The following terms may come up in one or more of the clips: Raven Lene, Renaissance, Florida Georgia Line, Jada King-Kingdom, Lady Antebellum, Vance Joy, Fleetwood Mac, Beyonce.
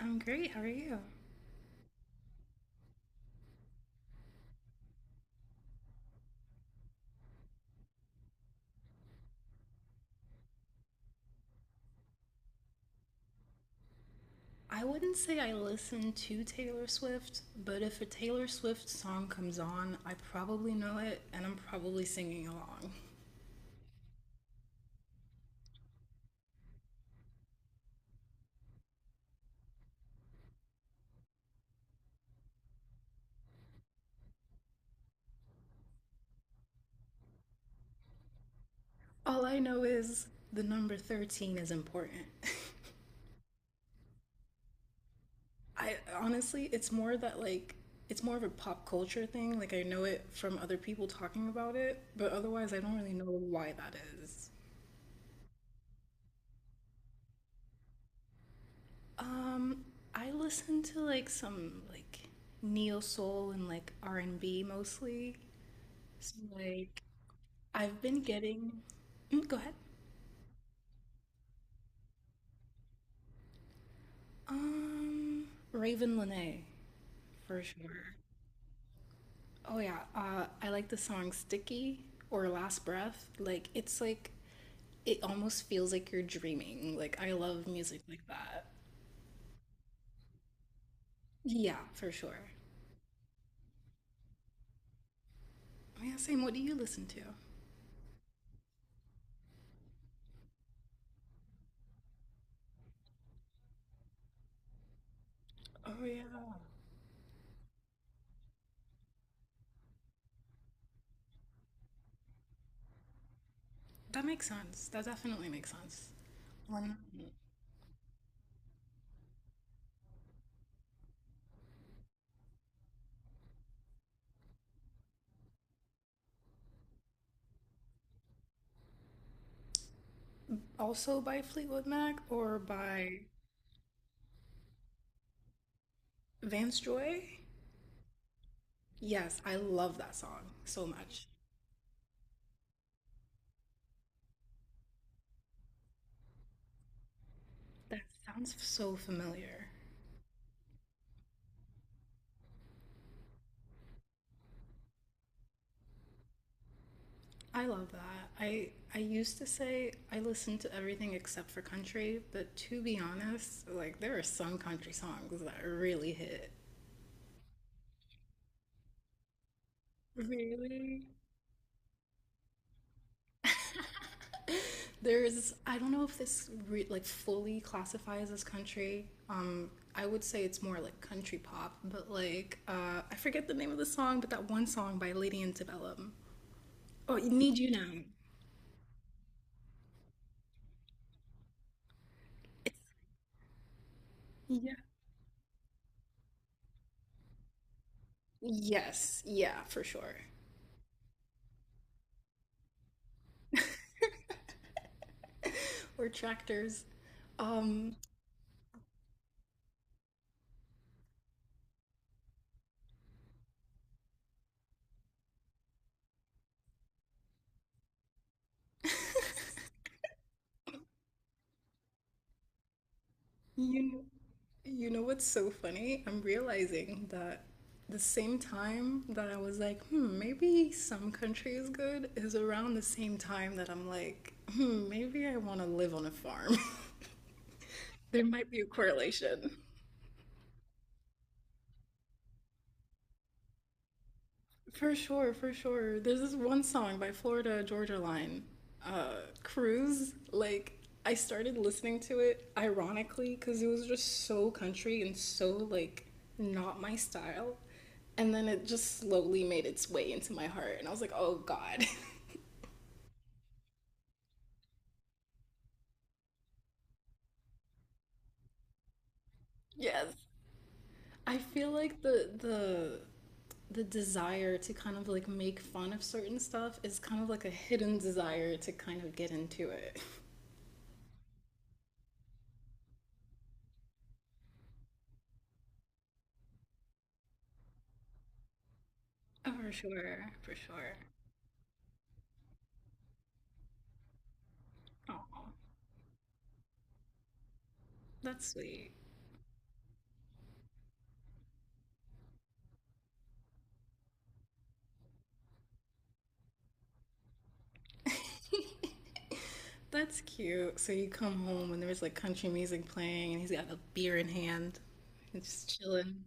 I'm great. How are you? I wouldn't say I listen to Taylor Swift, but if a Taylor Swift song comes on, I probably know it and I'm probably singing along. All I know is the number 13 is important. I honestly, it's more that it's more of a pop culture thing. Like I know it from other people talking about it, but otherwise I don't really know why that is. Um, I listen to like some neo soul and like R and B mostly. So like I've been getting. Mm, go ahead. Um, Raven Lene, for sure. Oh yeah, I like the song "Sticky" or "Last Breath." Like it's like, it almost feels like you're dreaming. Like I love music like that. Yeah, for sure. Oh, yeah, same. What do you listen to? Oh yeah, that makes sense. That definitely makes sense. One also by Fleetwood Mac or by Vance Joy? Yes, I love that song so much. That sounds so familiar. I love that. I used to say I listen to everything except for country, but to be honest, like there are some country songs that really hit. Really? There's I don't know if this re like fully classifies as country. I would say it's more like country pop, but like I forget the name of the song, but that one song by Lady Antebellum. Oh, Need You Now. It's yeah. Yes, yeah, for sure. or tractors. Um, you you know what's so funny? I'm realizing that the same time that I was like, hmm, maybe some country is good is around the same time that I'm like, hmm, maybe I want to live on a farm. There might be a correlation. For sure, for sure. There's this one song by Florida Georgia Line, uh, Cruise. Like, I started listening to it ironically because it was just so country and so, like, not my style. And then it just slowly made its way into my heart. And I was like, oh, God. yes. I feel like the desire to kind of like make fun of certain stuff is kind of like a hidden desire to kind of get into it. Oh, for sure, for sure. Aw, that's sweet. That's cute. So you come home and there's like country music playing and he's got a beer in hand and just chilling.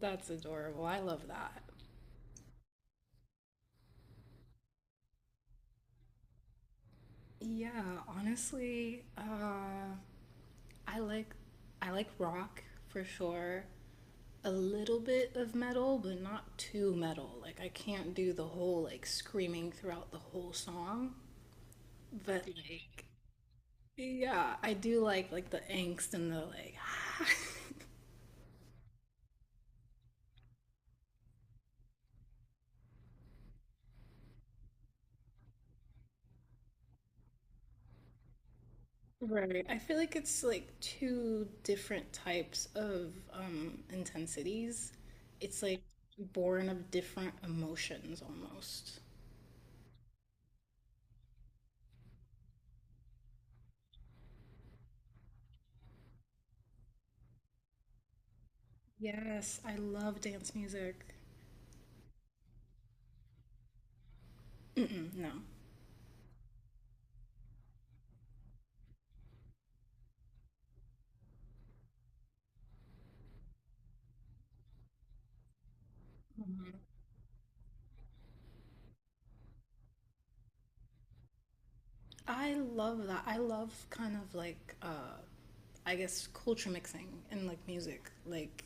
That's adorable. I love that. Yeah, honestly, I like I like rock for sure. A little bit of metal, but not too metal. Like I can't do the whole like screaming throughout the whole song, but like Yeah, I do like the angst and the like Right. I feel like it's like two different types of intensities. It's like born of different emotions almost. Yes, I love dance music. Mm-mm, no. I love that. I love kind of like I guess culture mixing and like music. Like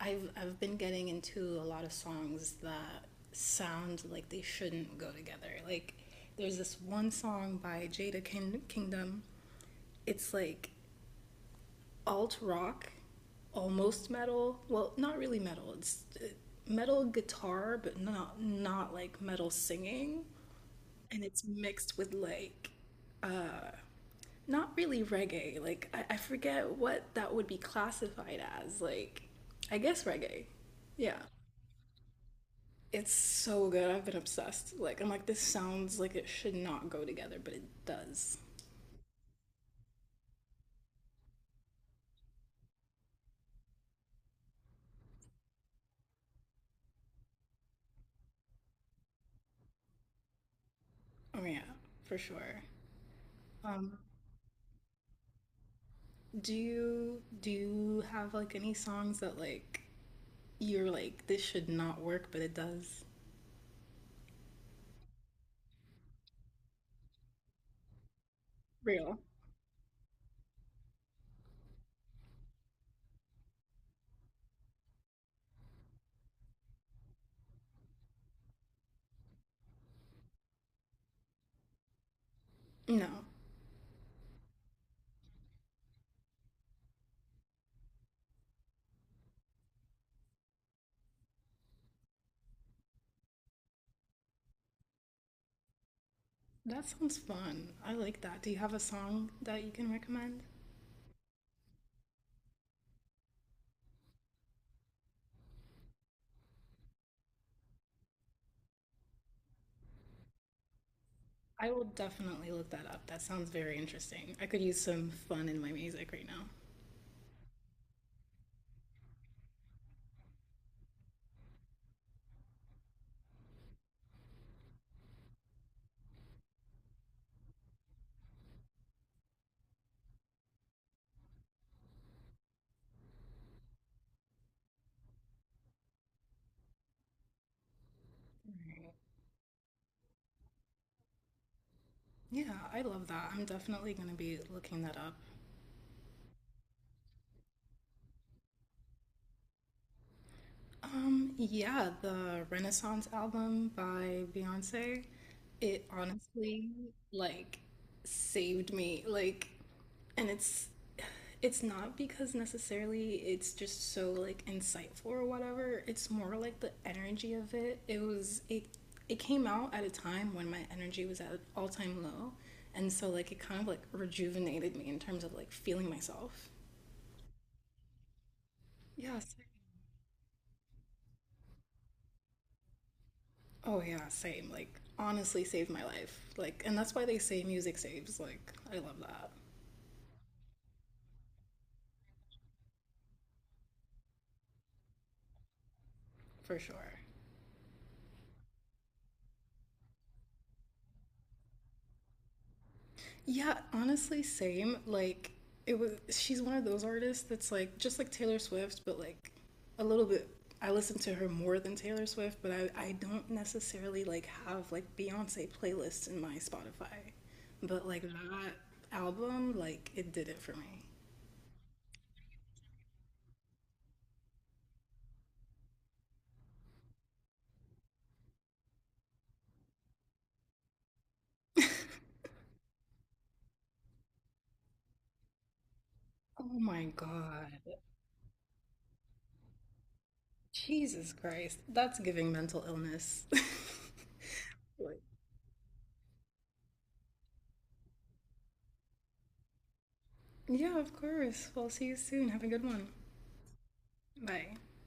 I've been getting into a lot of songs that sound like they shouldn't go together. Like there's this one song by Jada King- Kingdom. It's like alt rock, almost metal. Well, not really metal. It's metal guitar, but not like metal singing. And it's mixed with like not really reggae. Like I forget what that would be classified as. Like I guess reggae. Yeah. It's so good. I've been obsessed. Like, I'm like, this sounds like it should not go together, but it does. Oh yeah, for sure. Um, do you have like any songs that like you're like this should not work, but it does? Real. No. That sounds fun. I like that. Do you have a song that you can recommend? I will definitely look that up. That sounds very interesting. I could use some fun in my music right now. Yeah, I love that. I'm definitely gonna be looking that up. Yeah, the Renaissance album by Beyonce, it honestly like saved me. Like, and it's not because necessarily it's just so like insightful or whatever. It's more like the energy of it. It was it it came out at a time when my energy was at an all-time low, and so like it kind of like rejuvenated me in terms of like feeling myself. Yeah, same. Oh yeah, same. Like honestly saved my life. Like and that's why they say music saves. Like I love that for sure. Yeah, honestly same. Like it was she's one of those artists that's like just like Taylor Swift, but like a little bit I listen to her more than Taylor Swift, but I don't necessarily like have like Beyonce playlists in my Spotify. But like that album, like it did it for me. Oh my God. Jesus Christ. That's giving mental illness. Like, yeah, of course. Well, see you soon. Have a good one. Bye.